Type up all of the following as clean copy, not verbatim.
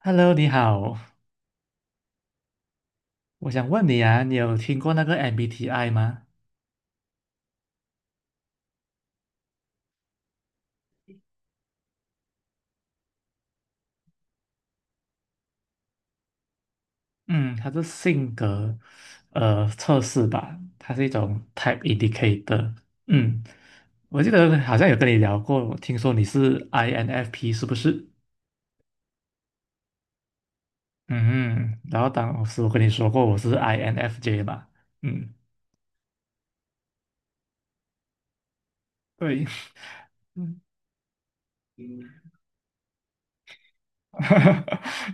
Hello，你好，我想问你啊，你有听过那个 MBTI 吗？嗯，它是性格测试吧，它是一种 Type Indicator。嗯，我记得好像有跟你聊过，听说你是 INFP 是不是？嗯，然后当时我跟你说过我是 INFJ 嘛，嗯，对，嗯。哈哈，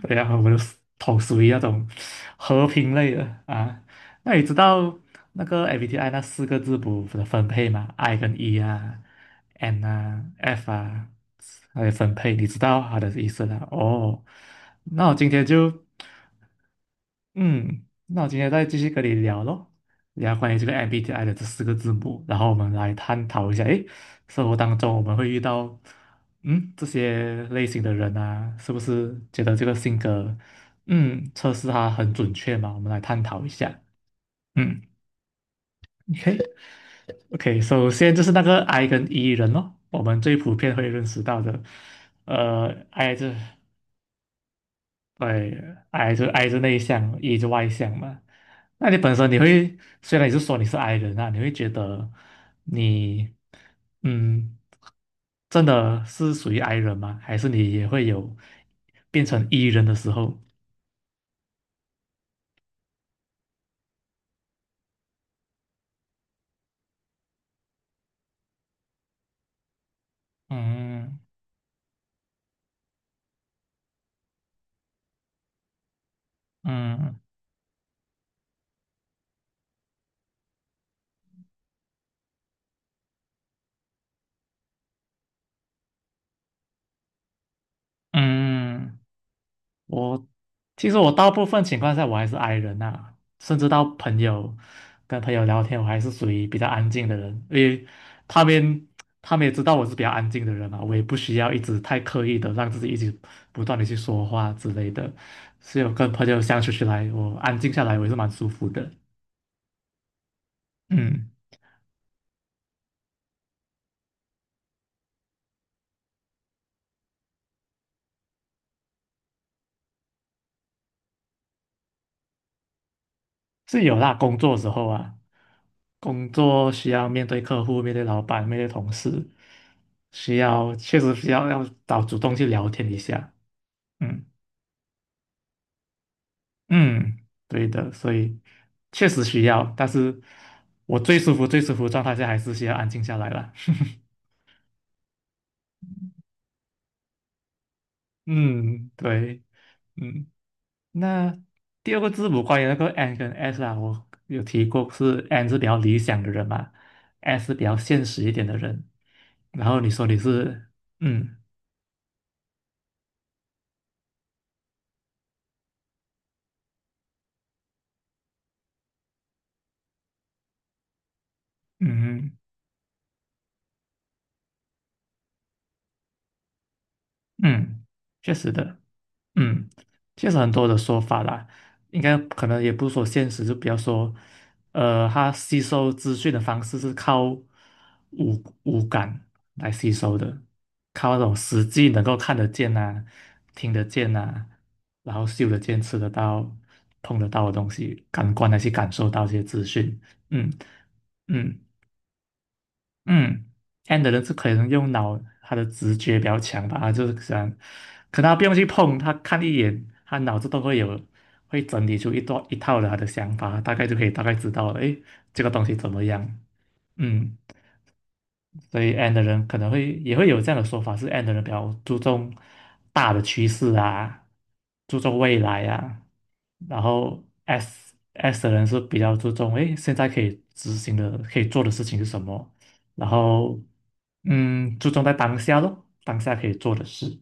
对呀、我的 头属于那种和平类的啊。那你知道那个 MBTI 那四个字母的分配吗？I 跟 E 啊，N 啊，F 啊，还有分配，你知道它的意思了哦，那我今天就嗯，那我今天再继续跟你聊咯，聊关于这个 MBTI 的这四个字母，然后我们来探讨一下，诶，生活当中我们会遇到，这些类型的人啊，是不是觉得这个性格，测试它很准确嘛？我们来探讨一下。嗯，OK，OK，首先就是那个 I 跟 E 人咯，我们最普遍会认识到的，呃，I 这对，I 是内向，E 就外向嘛。那你本身你会，虽然你是说你是 I 人啊，你会觉得你，嗯，真的是属于 I 人吗？还是你也会有变成 E 人的时候？嗯嗯嗯。我其实我大部分情况下我还是 I 人呐，甚至到朋友跟朋友聊天，我还是属于比较安静的人，因为他们他们也知道我是比较安静的人嘛，我也不需要一直太刻意的让自己一直不断的去说话之类的，所以我跟朋友相处起来，我安静下来我也是蛮舒服的，嗯，是有啦，工作的时候啊，工作需要面对客户、面对老板、面对同事，确实需要要找主动去聊天一下。嗯嗯，对的，所以确实需要，但是我最舒服、最舒服的状态下还是需要安静下来了。嗯，对，嗯，那第二个字母关于那个 N 跟 S 啊，我有提过是 N 是比较理想的人嘛，S 是比较现实一点的人。然后你说你是，嗯嗯嗯，确实的，嗯，确实很多的说法啦，应该可能也不是说现实，就比较说，他吸收资讯的方式是靠五感来吸收的，靠那种实际能够看得见呐、听得见呐、然后嗅得见、吃得到、碰得到的东西，感官来去感受到这些资讯。嗯嗯，嗯，N 的人是可能用脑，他的直觉比较强吧，他就是想，可能他不用去碰，他看一眼，他脑子都会有，会整理出一段一套的他的想法，大概就可以大概知道，诶，这个东西怎么样？嗯，所以 N 的人可能也会有这样的说法，是 N 的人比较注重大的趋势啊，注重未来啊，然后 S 的人是比较注重，诶，现在可以执行的、可以做的事情是什么？然后注重在当下咯，当下可以做的事。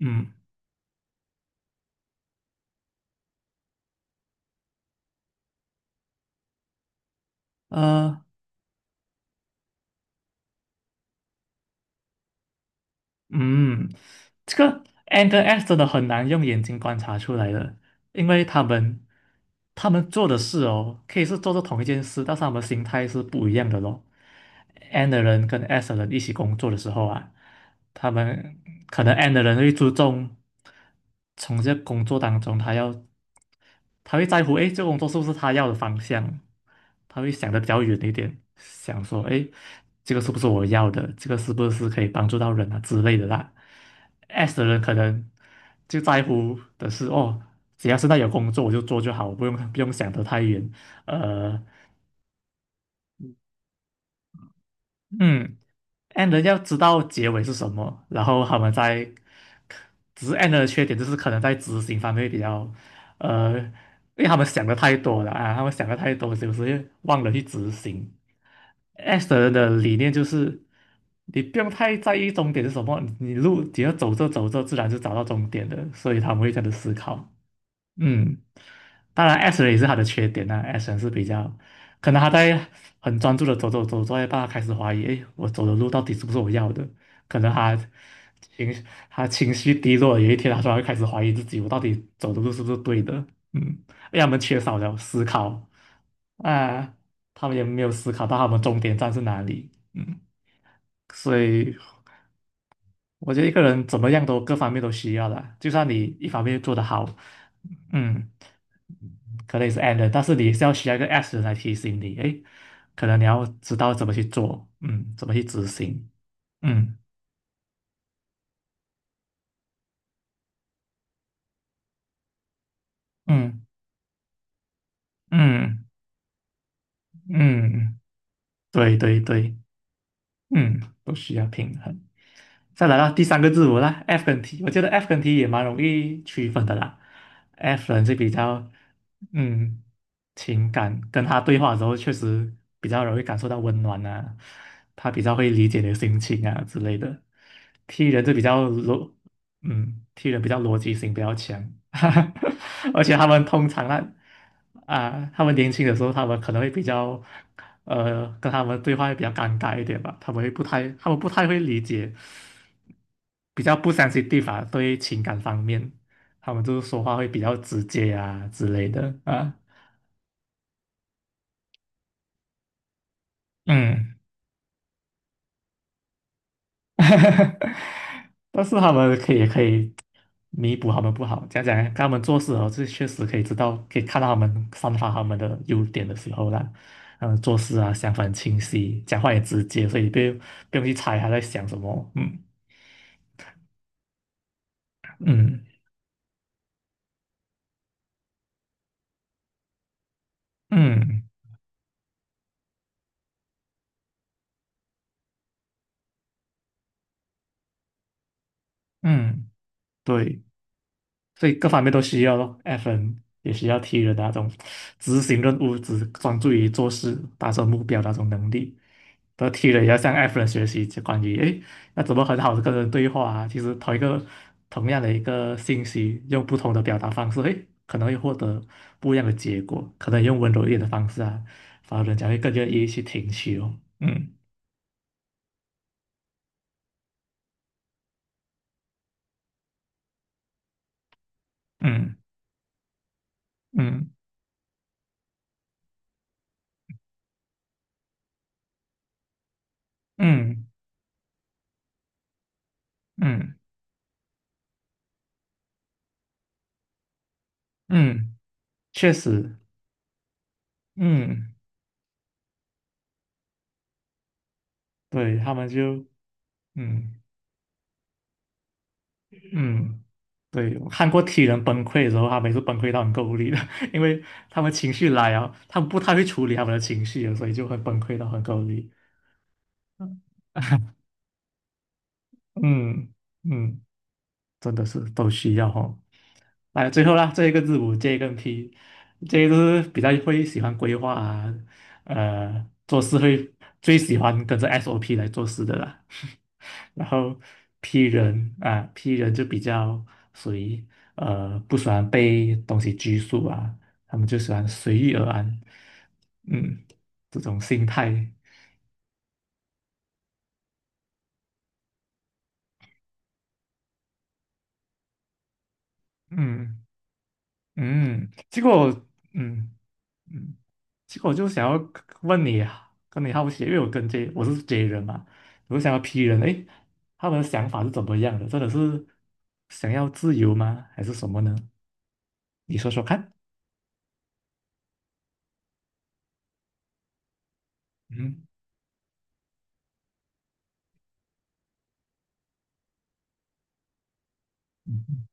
嗯，呃，嗯，这个 N 跟 S 真的很难用眼睛观察出来的，因为他们做的事哦，可以是做着同一件事，但是他们心态是不一样的咯。N 的人跟 S 的人一起工作的时候啊，他们可能 N 的人会注重从这工作当中，他会在乎，哎，这个工作是不是他要的方向？他会想的比较远一点，想说，哎，这个是不是我要的？这个是不是可以帮助到人啊之类的啦。S 的人可能就在乎的是，哦，只要是在有工作我就做就好，我不用想得太远。呃，嗯，end 要知道结尾是什么，然后他们在，只是 end 的缺点就是可能在执行方面比较，呃，因为他们想的太多了啊，他们想的太多，是有时忘了去执行。S 的人的理念就是，你不用太在意终点是什么，你路只要走着走着，自然就找到终点的，所以他们会这样子思考。嗯，当然 S 人也是他的缺点呐。S 人是比较，可能他在很专注的走走走，走到一半他开始怀疑，诶，我走的路到底是不是我要的？可能情他情绪低落，有一天他突然开始怀疑自己，我到底走的路是不是对的？嗯，因为他们缺少了思考啊，他们也没有思考到他们终点站是哪里。嗯，所以我觉得一个人怎么样都各方面都需要的，就算你一方面做得好，嗯。可能也是 and 的但是你需要一个 s 来提醒你，诶，可能你要知道怎么去做，怎么去执行，嗯嗯嗯嗯，对对对，都需要平衡。再来到第三个字母啦，F 跟 T，我觉得 F 跟 T 也蛮容易区分的啦。F 人是比较，嗯，情感，跟他对话的时候确实比较容易感受到温暖啊，他比较会理解你的心情啊之类的。T 人就比较逻，T 人比较逻辑性比较强，而且他们通常啊，啊，他们年轻的时候，他们可能会比较，跟他们对话会比较尴尬一点吧，他们不太会理解。比较不相信 n 方 i t 对情感方面，他们就是说话会比较直接啊之类的啊，嗯，但是他们可以也可以弥补他们不好，讲讲看他们做事哦，这确实可以知道，可以看到他们散发他们的优点的时候啦，嗯，做事啊想法很清晰，讲话也直接，所以不用去猜他在想什么，嗯嗯嗯嗯，对。所以各方面都需要咯，FN，也需要 T 人的那种执行任务、只专注于做事、达成目标的那种能力。然后 T 人也要向 F 人学习，就关于诶，要怎么很好的跟人对话啊？其实同样的一个信息，用不同的表达方式，诶，可能会获得不一样的结果。可能用温柔一点的方式啊，反而人家会更愿意去听取哦。嗯嗯嗯嗯嗯嗯，确实，嗯，对他们就嗯。嗯，对，我看过 T 人崩溃的时候，他们也是崩溃到很够力的，因为他们情绪来啊，他们不太会处理他们的情绪，所以就会崩溃到很够力。嗯嗯，真的是都需要哦。哎，最后啦，这一个字母 J 跟 p 这些都是比较会喜欢规划啊，做事会最喜欢跟着 SOP 来做事的啦。然后 P 人啊，P 人就比较属于不喜欢被东西拘束啊，他们就喜欢随遇而安，嗯，这种心态，嗯嗯，结果嗯。嗯，其实我就想要问你啊，跟你好奇，因为我跟 J 我是 J 人嘛，我就想要 P 人，诶，他们的想法是怎么样的？真的是想要自由吗？还是什么呢？你说说看。嗯嗯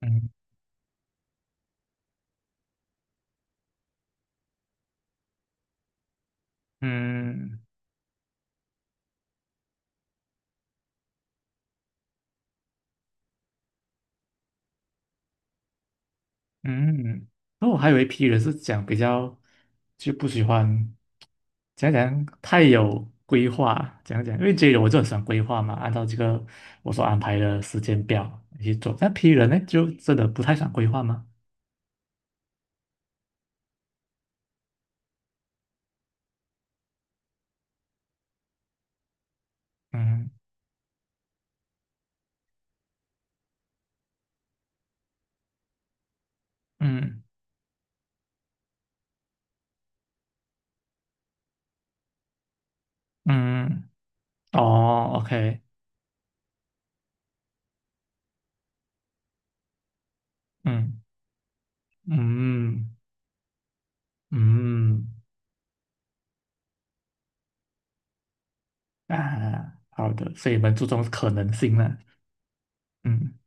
嗯嗯嗯，那我还有一批人是讲比较就不喜欢讲讲太有规划，讲讲，因为 J 人我就很喜欢规划嘛，按照这个我所安排的时间表去做。那 P 人呢，就真的不太想规划吗？嗯嗯嗯，哦，OK，嗯嗯嗯啊，好的，所以你们注重可能性了，嗯，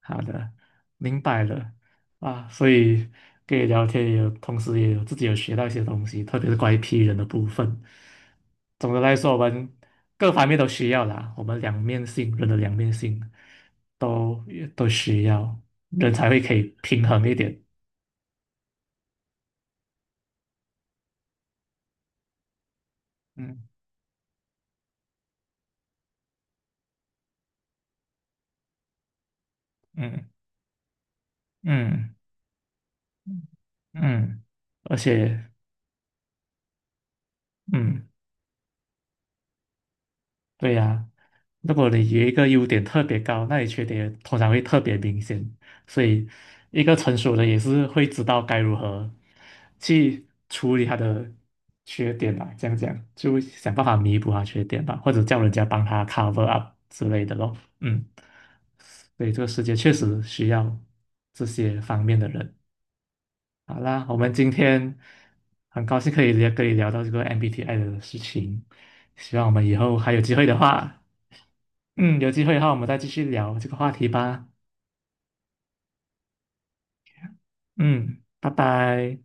好的，明白了啊，所以跟你聊天也有，同时也有自己有学到一些东西，特别是关于 P 人的部分。总的来说，我们各方面都需要啦，我们两面性，人的两面性都都需要，人才会可以平衡一点，嗯嗯。嗯嗯，而且，嗯，对呀、如果你有一个优点特别高，那你缺点通常会特别明显。所以，一个成熟的也是会知道该如何去处理他的缺点吧，这样讲，就想办法弥补他缺点吧，或者叫人家帮他 cover up 之类的咯。嗯，所以这个世界确实需要这些方面的人。好啦，我们今天很高兴可以聊到这个 MBTI 的事情，希望我们以后还有机会的话，嗯，有机会的话我们再继续聊这个话题吧。嗯，拜拜。